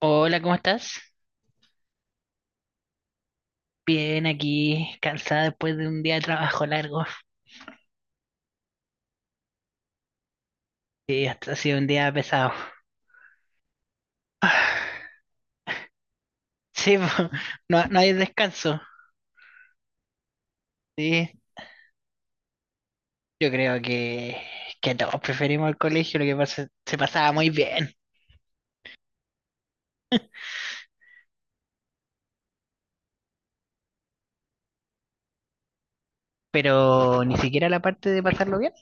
Hola, ¿cómo estás? Bien, aquí cansada después de un día de trabajo largo. Sí, hasta ha sido un día pesado. Ah, sí, po, no, no hay descanso. Sí, yo creo que todos preferimos el colegio, lo que pasa, se pasaba muy bien. Pero ni siquiera la parte de pasarlo bien.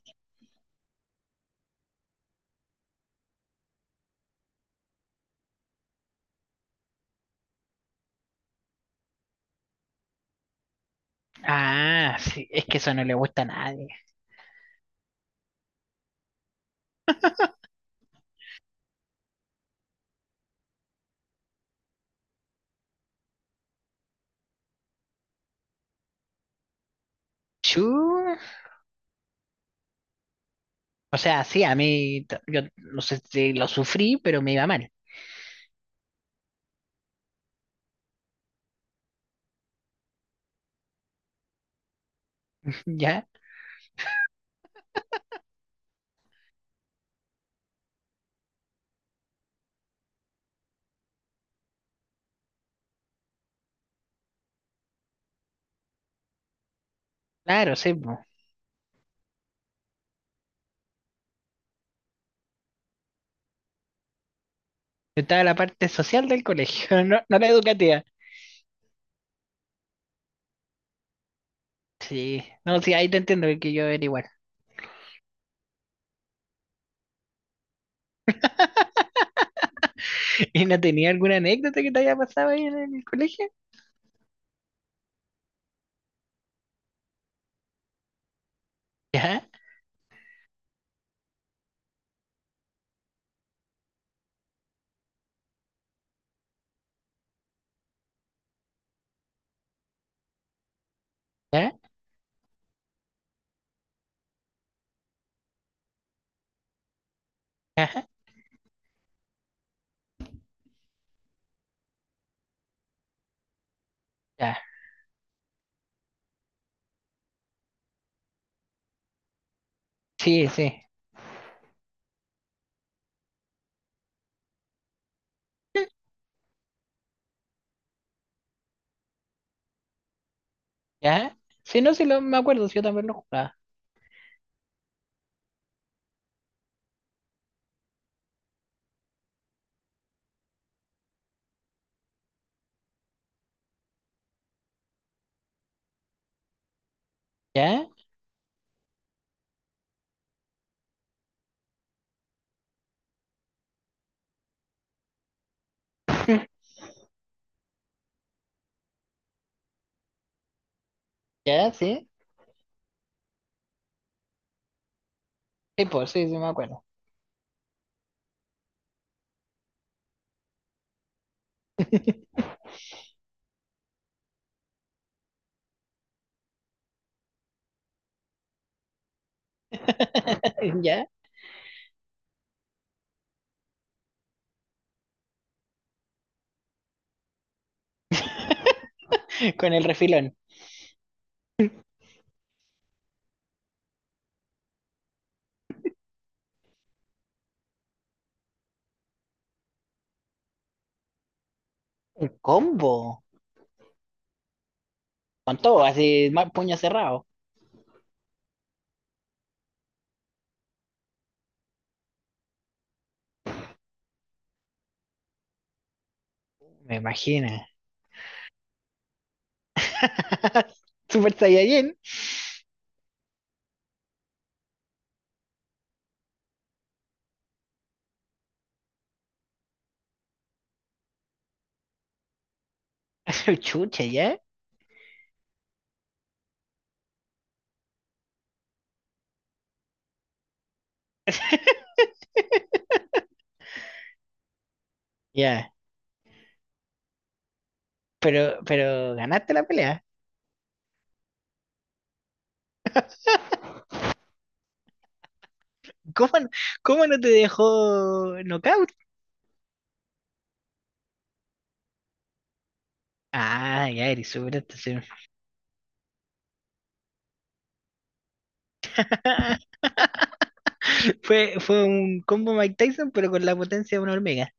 Ah, sí, es que eso no le gusta a nadie. Chu. O sea, sí, a mí, yo no sé si lo sufrí, pero me iba mal. ¿Ya? Claro, sí, po. Yo, estaba la parte social del colegio, no, no la educativa. Sí, no, sí, ahí te entiendo que yo era igual. ¿Y no tenía alguna anécdota que te haya pasado ahí en el colegio? Ya, ya, ajá, ya. Sí, sí, ya. Sí, no, sí, lo, me acuerdo, sí, yo también lo jugaba. Ya, ya, sí. Sí, pues, sí, sí, me acuerdo. Ya, con el refilón. Un combo. Con todo, así, puño cerrado. Me imagino. Super Saiyajin. Chucha, ya, ya. Pero ganaste la pelea. ¿Cómo, no- Cómo no te dejó knockout? Ah, ya, eres súper. Fue un combo Mike Tyson, pero con la potencia de una hormiga.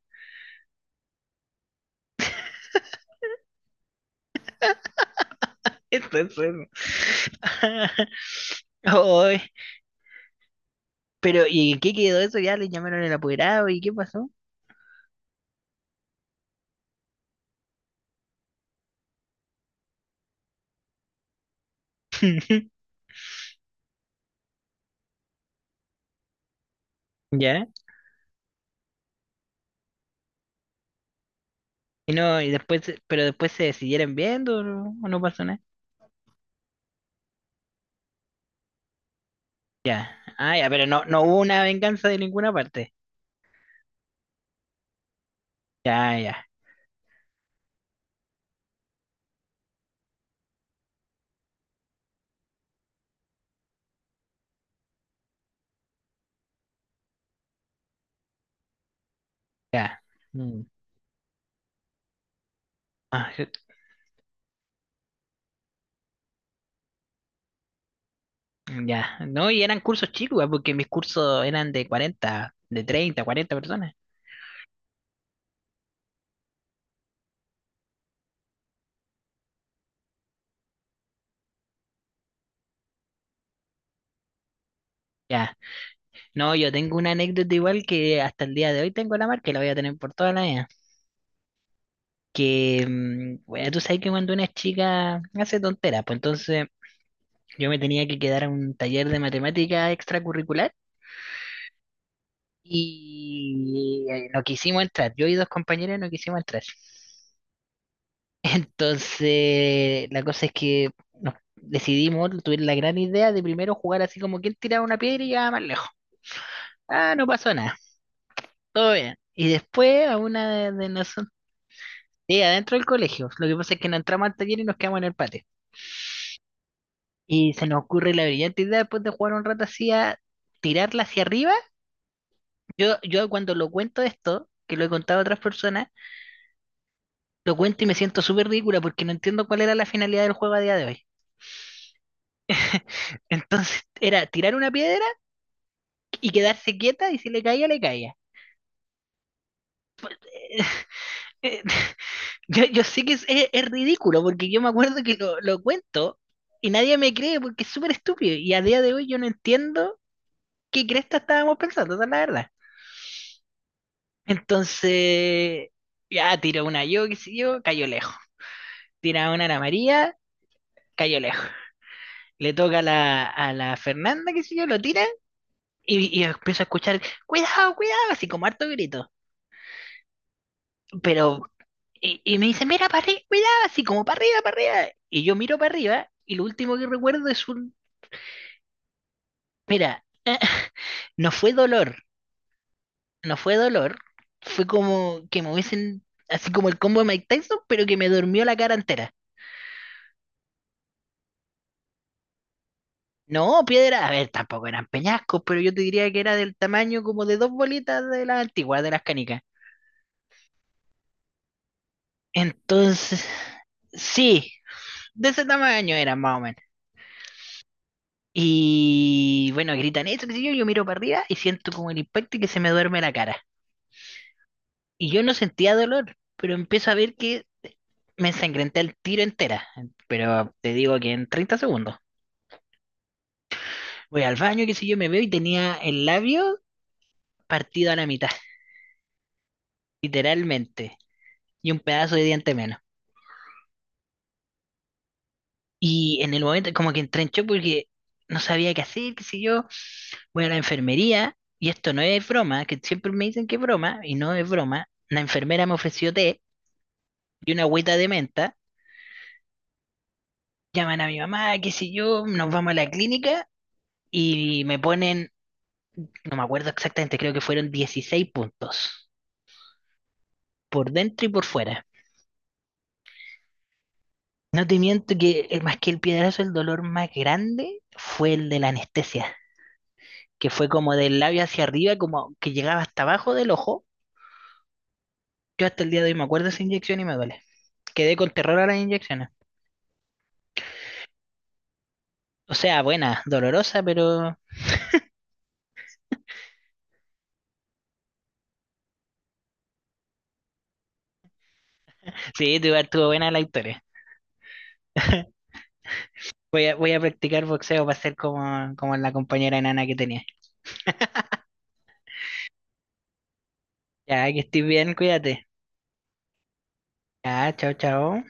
Eso es, eso. Ay, pero ¿y en qué quedó eso? Ya le llamaron el apoderado. ¿Y qué pasó? Ya. Y no, y después, pero después se siguieron viendo o no pasó nada. Ya. Ah, ya, pero no, no hubo una venganza de ninguna parte. Ya, ya, ya. Mm. Ah, ya. No, y eran cursos chicos, ah, porque mis cursos eran de 40, de 30, 40 personas. Ya. No, yo tengo una anécdota igual que hasta el día de hoy tengo la marca y la voy a tener por toda la vida. Que, bueno, tú sabes que cuando una chica hace tonteras, pues entonces yo me tenía que quedar a un taller de matemática extracurricular y no quisimos entrar. Yo y dos compañeros no quisimos entrar. Entonces, la cosa es que nos decidimos, tuvimos la gran idea de primero jugar así como quien tiraba una piedra y llegaba más lejos. Ah, no pasó nada, todo bien. Y después a una de, nosotros. Sí, adentro del colegio. Lo que pasa es que no entramos al taller y nos quedamos en el patio. Y se nos ocurre la brillante idea después de jugar un rato así a tirarla hacia arriba. Yo cuando lo cuento esto, que lo he contado a otras personas, lo cuento y me siento súper ridícula porque no entiendo cuál era la finalidad del juego a día de hoy. Entonces era tirar una piedra y quedarse quieta y si le caía, le caía. Eh, yo sé que es, es ridículo porque yo me acuerdo que lo cuento y nadie me cree porque es súper estúpido. Y a día de hoy yo no entiendo qué cresta estábamos pensando, esa es la verdad. Entonces, ya tiró una yo, qué sé yo, cayó lejos. Tira una a la María, cayó lejos. Le toca a la Fernanda, qué sé yo, lo tira y empiezo a escuchar, cuidado, cuidado, así como harto grito. Pero, y me dice, mira para arriba, cuidado, así como para arriba, para arriba. Y yo miro para arriba y lo último que recuerdo es un, mira, no fue dolor, no fue dolor, fue como que me hubiesen, así como el combo de Mike Tyson, pero que me durmió la cara entera. No, piedra, a ver, tampoco eran peñascos, pero yo te diría que era del tamaño como de dos bolitas de las antiguas, de las canicas. Entonces, sí, de ese tamaño era más o menos. Y bueno, gritan eso, qué sé yo, yo miro para arriba y siento como el impacto y que se me duerme la cara. Y yo no sentía dolor, pero empiezo a ver que me ensangrenté el tiro entera. Pero te digo que en 30 segundos. Voy al baño, qué sé yo, me veo y tenía el labio partido a la mitad, literalmente, y un pedazo de diente menos. Y en el momento como que entré en shock porque no sabía qué hacer, qué sé yo, voy a la enfermería, y esto no es broma, que siempre me dicen que es broma, y no es broma, la enfermera me ofreció té y una agüita de menta, llaman a mi mamá, qué sé yo, nos vamos a la clínica y me ponen, no me acuerdo exactamente, creo que fueron 16 puntos, por dentro y por fuera. No te miento que más que el piedrazo, el dolor más grande fue el de la anestesia, que fue como del labio hacia arriba, como que llegaba hasta abajo del ojo. Yo hasta el día de hoy me acuerdo de esa inyección y me duele. Quedé con terror a las inyecciones. O sea, buena, dolorosa, pero sí, estuvo buena la historia. Voy a practicar boxeo para ser como la compañera enana que tenía. Ya, que estés bien, cuídate. Ya, chao, chao.